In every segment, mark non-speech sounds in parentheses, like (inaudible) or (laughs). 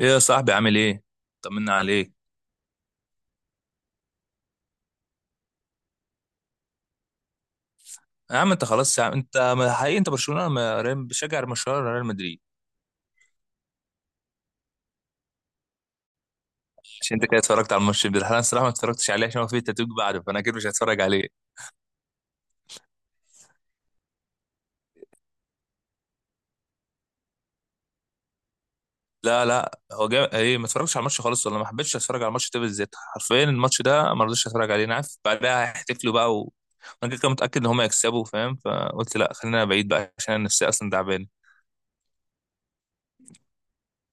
ايه يا صاحبي عامل ايه؟ طمنا عليك. يا عم انت خلاص يا عم انت حقيقي انت برشلونه ما- ريال- بشجع برشلونه ولا ريال مدريد؟ عشان انت كده اتفرجت على الماتش ده، انا الصراحه ما اتفرجتش عليه عشان هو فيه تتويج بعده، فانا اكيد مش هتفرج عليه. لا لا هو ايه، ما اتفرجتش على الماتش خالص ولا ما حبيتش اتفرج على الماتش ده بالذات، حرفيا الماتش ده ما رضيتش اتفرج عليه، انا عارف بعدها هيحتفلوا بقى وانا كده كده متاكد ان هم يكسبوا، فاهم؟ فقلت لا خلينا بعيد بقى عشان انا نفسي اصلا تعبان.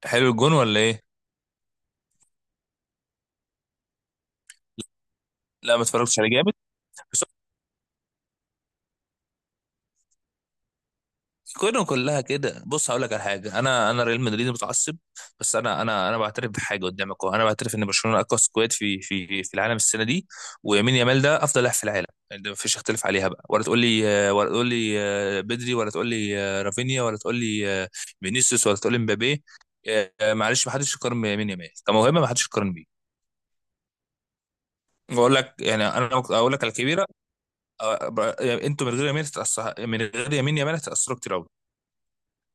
حلو الجون ولا ايه؟ لا ما اتفرجتش عليه جامد. كلها كده، بص هقول لك على حاجه، انا ريال مدريد متعصب، بس انا بعترف بحاجه قدامك أهو. انا بعترف ان برشلونه اقوى سكواد في العالم السنه دي، ويمين يامال ده افضل لاعب في العالم، يعني ده مفيش اختلاف عليها بقى. ولا تقول لي، ولا تقول لي بدري، ولا تقول لي رافينيا، ولا تقول لي فينيسيوس، ولا تقول لي مبابي. معلش ما حدش يقارن بيمين يامال كموهبه، ما حدش يقارن بيه. بقول لك يعني، انا اقول لك على الكبيره، يعني انتوا من غير هتتاثر من غير يمين يامال هتتاثروا كتير قوي،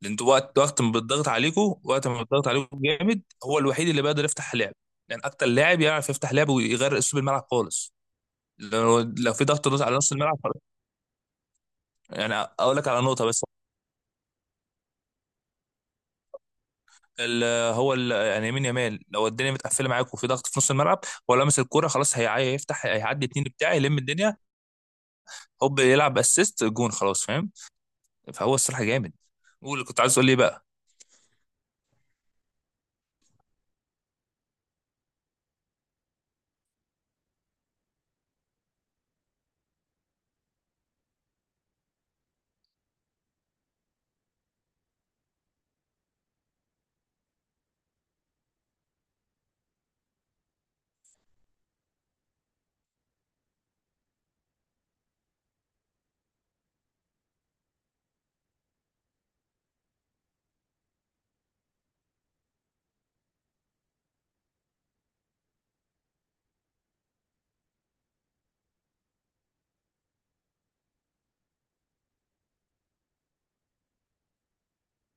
لان انتوا وقت ما بتضغط عليكم جامد هو الوحيد اللي بيقدر يفتح لعب، لان اكتر لاعب يعرف يفتح لعب ويغير اسلوب الملعب خالص. لو في ضغط نص على نص الملعب خلاص. يعني اقول لك على نقطه بس. ال- يعني يمين يمال لو الدنيا متقفله معاك وفي ضغط في نص الملعب، هو لمس الكوره خلاص هيفتح، هيعدي اتنين بتاعي يلم الدنيا، هوب يلعب اسيست جون خلاص، فاهم؟ فهو الصراحه جامد. قول اللي كنت عايز تقول لي إيه بقى.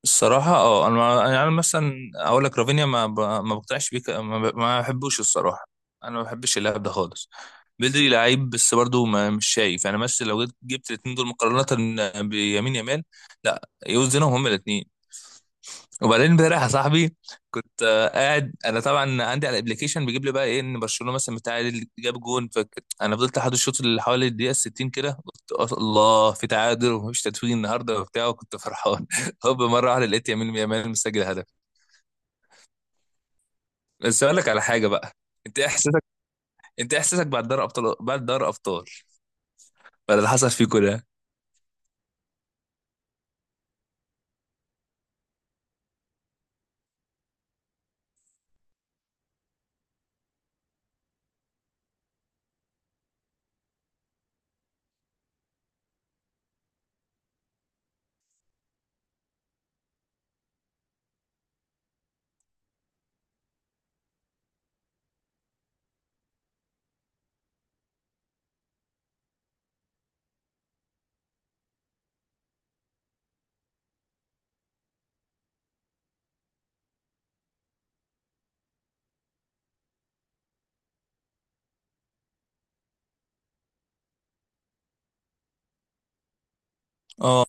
الصراحة اه انا ما- يعني أنا مثلا اقول لك رافينيا ما بقتنعش بيه، ما بحبوش الصراحة، انا ما بحبش اللاعب ده خالص. بدري لعيب، بس برضه ما مش شايف يعني، مثلا لو جبت الاثنين دول مقارنة بيمين يامال، لا يوزنهم هما الاثنين. وبعدين امبارح يا صاحبي، كنت قاعد انا طبعا عندي على الابلكيشن بيجيب لي بقى ايه ان برشلونه مثلا بتعادل، جاب جون، فانا فضلت لحد الشوط اللي حوالي الدقيقه 60 كده، قلت الله في تعادل ومفيش تتويج النهارده وبتاع، وكنت فرحان (laughs) هوب مره واحده لقيت يمين يامال مسجل هدف. بس اقول لك على حاجه بقى، انت إيه احساسك، انت إيه احساسك بعد دوري ابطال، بعد اللي حصل فيكو ده؟ اه.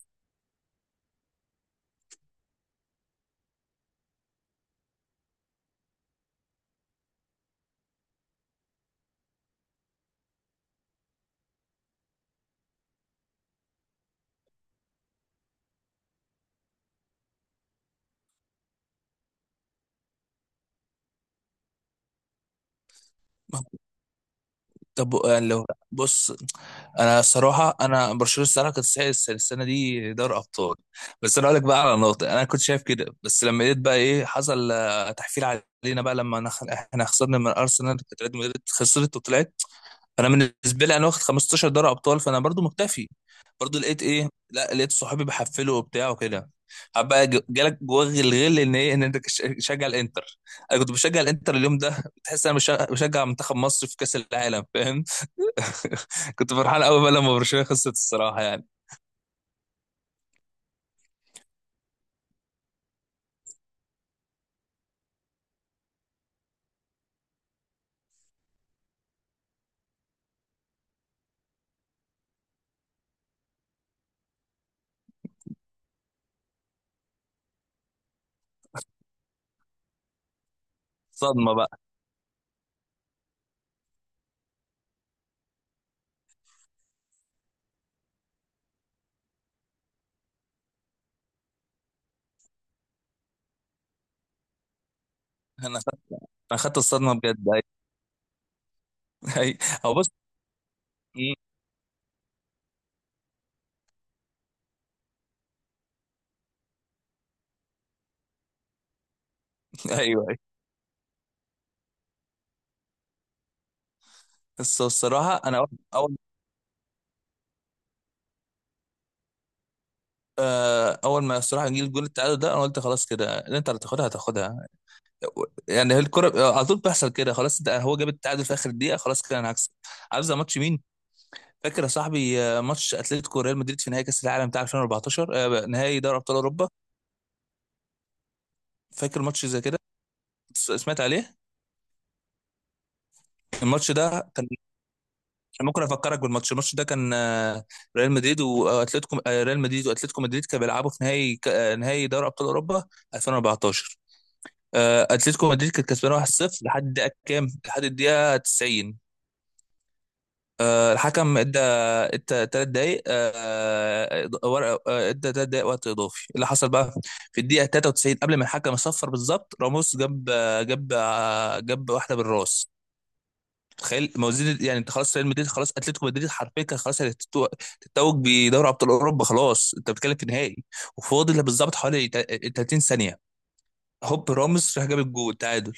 طب يعني لو، بص، انا الصراحه انا برشلونه الصراحه كانت تستحق السنه دي دوري ابطال. بس انا اقول لك بقى على نقطه، انا كنت شايف كده، بس لما لقيت بقى ايه حصل تحفيل علينا بقى، لما احنا خسرنا من ارسنال كانت ريال مدريد خسرت وطلعت، فانا بالنسبه لي انا واخد 15 دوري ابطال فانا برضو مكتفي. برضو لقيت ايه، لا لقيت صحابي بحفلوا وبتاع وكده، بقى جالك جواك الغل ان ايه، ان انت تشجع الانتر. انا كنت بشجع الانتر اليوم ده، بتحس انا بشجع منتخب مصر في كاس العالم، فاهم؟ (laughs) كنت فرحان قوي بقى لما برشلونه خسرت الصراحه يعني. صدمه بقى. انا خدت انا خدت الصدمه بجد، ايوه. أيوة. هو بص. مم. ايوه، ايوه. بس هو الصراحه، انا اول اول اول ما الصراحه جه الجول التعادل ده، انا قلت خلاص كده اللي انت هتاخدها هتاخدها، يعني هي الكره على طول بيحصل كده خلاص، ده هو جاب التعادل في اخر دقيقه، خلاص كده انا هكسب. عارف زي ماتش مين؟ فاكر يا صاحبي ماتش اتلتيكو ريال مدريد في نهائي كاس العالم بتاع 2014، نهائي دوري ابطال اوروبا؟ فاكر ماتش زي كده؟ سمعت عليه. الماتش ده كان، ممكن افكرك بالماتش، الماتش ده كان ريال مدريد واتلتيكو، ريال مدريد واتلتيكو مدريد كانوا بيلعبوا في نهائي نهائي دوري ابطال اوروبا 2014. اتلتيكو مدريد كانت كسبانه 1-0 لحد الدقيقه كام، لحد الدقيقه 90. الحكم ادى ثلاث دقائق ورقه، ادى ثلاث دقائق وقت اضافي، اللي حصل بقى في الدقيقه 93 قبل ما الحكم يصفر بالظبط، راموس جاب واحده بالراس. تخيل، ما هو زيد يعني، انت خلاص ريال مدريد، خلاص اتلتيكو مدريد حرفيا كان خلاص تتوج بدوري ابطال اوروبا، خلاص انت بتتكلم في نهائي. وفاضل بالظبط حوالي 30 ثانيه، هوب راموس راح جاب الجول التعادل،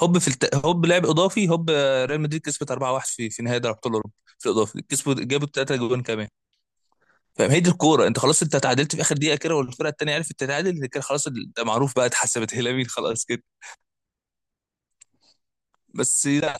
هوب في هوب لعب اضافي، هوب ريال مدريد كسبت 4-1 في نهائي دوري ابطال اوروبا، في الاضافي كسبوا جابوا ثلاثه جوان كمان. فاهم؟ هي دي الكوره، انت خلاص انت تعادلت في اخر دقيقه كده، والفرقه الثانيه عرفت تتعادل كده خلاص، ده معروف بقى، اتحسبت (laughs) هي لمين خلاص كده. بس لا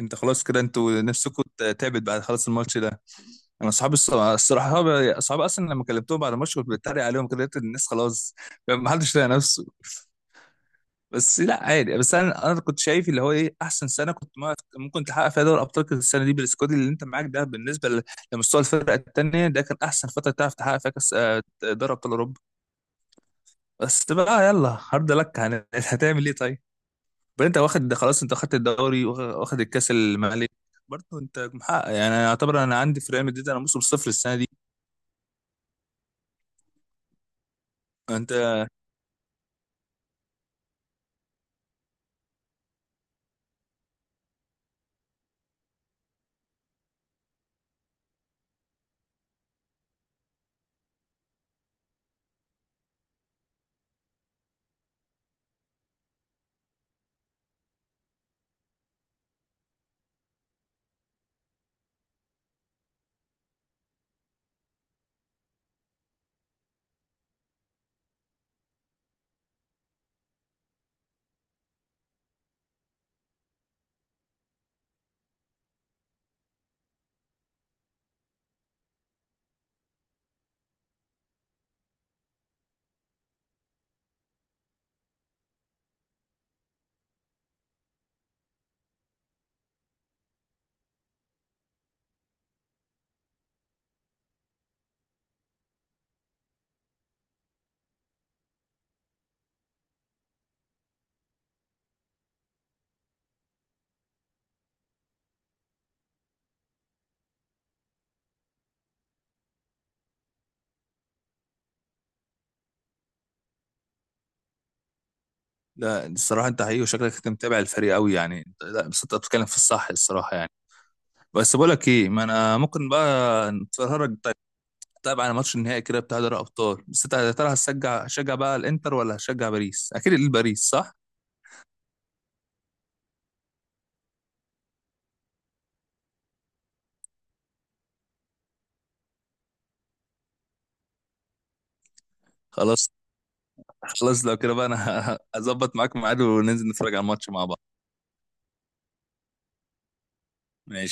انت خلاص كده انتوا نفسكم. تعبت بعد خلاص الماتش ده. انا اصحابي الصراحه اصحابي أصحابي اصلا لما كلمتهم بعد الماتش كنت بتريق عليهم كده، لقيت الناس خلاص ما حدش لاقي نفسه. بس لا عادي، بس انا كنت شايف اللي هو ايه، احسن سنه كنت ممكن تحقق فيها دوري ابطال كانت السنه دي، بالسكواد اللي انت معاك ده، بالنسبه لمستوى الفرقه الثانيه ده، كان احسن فتره تعرف تحقق فيها كاس دوري ابطال اوروبا. بس بقى يلا هارد لك، هتعمل ايه طيب؟ بل انت واخد ده خلاص، انت واخدت الدوري واخد الكاس الملك، برضه انت محقق يعني، انا اعتبر انا عندي في ريال مدريد انا موسم صفر السنه دي. انت لا الصراحة انت حقيقي وشكلك انت متابع الفريق قوي يعني لا بس انت بتتكلم في الصح الصراحة يعني. بس بقول لك ايه، ما انا ممكن بقى نتفرج طيب، طيب على ماتش النهائي كده بتاع دوري الابطال، بس انت يا ترى هتشجع بقى الانتر ولا هتشجع باريس؟ اكيد الباريس صح. خلاص. خلاص لو كده بقى انا (laughs) هظبط معاك ميعاد وننزل نتفرج على الماتش مع بعض. ماشي.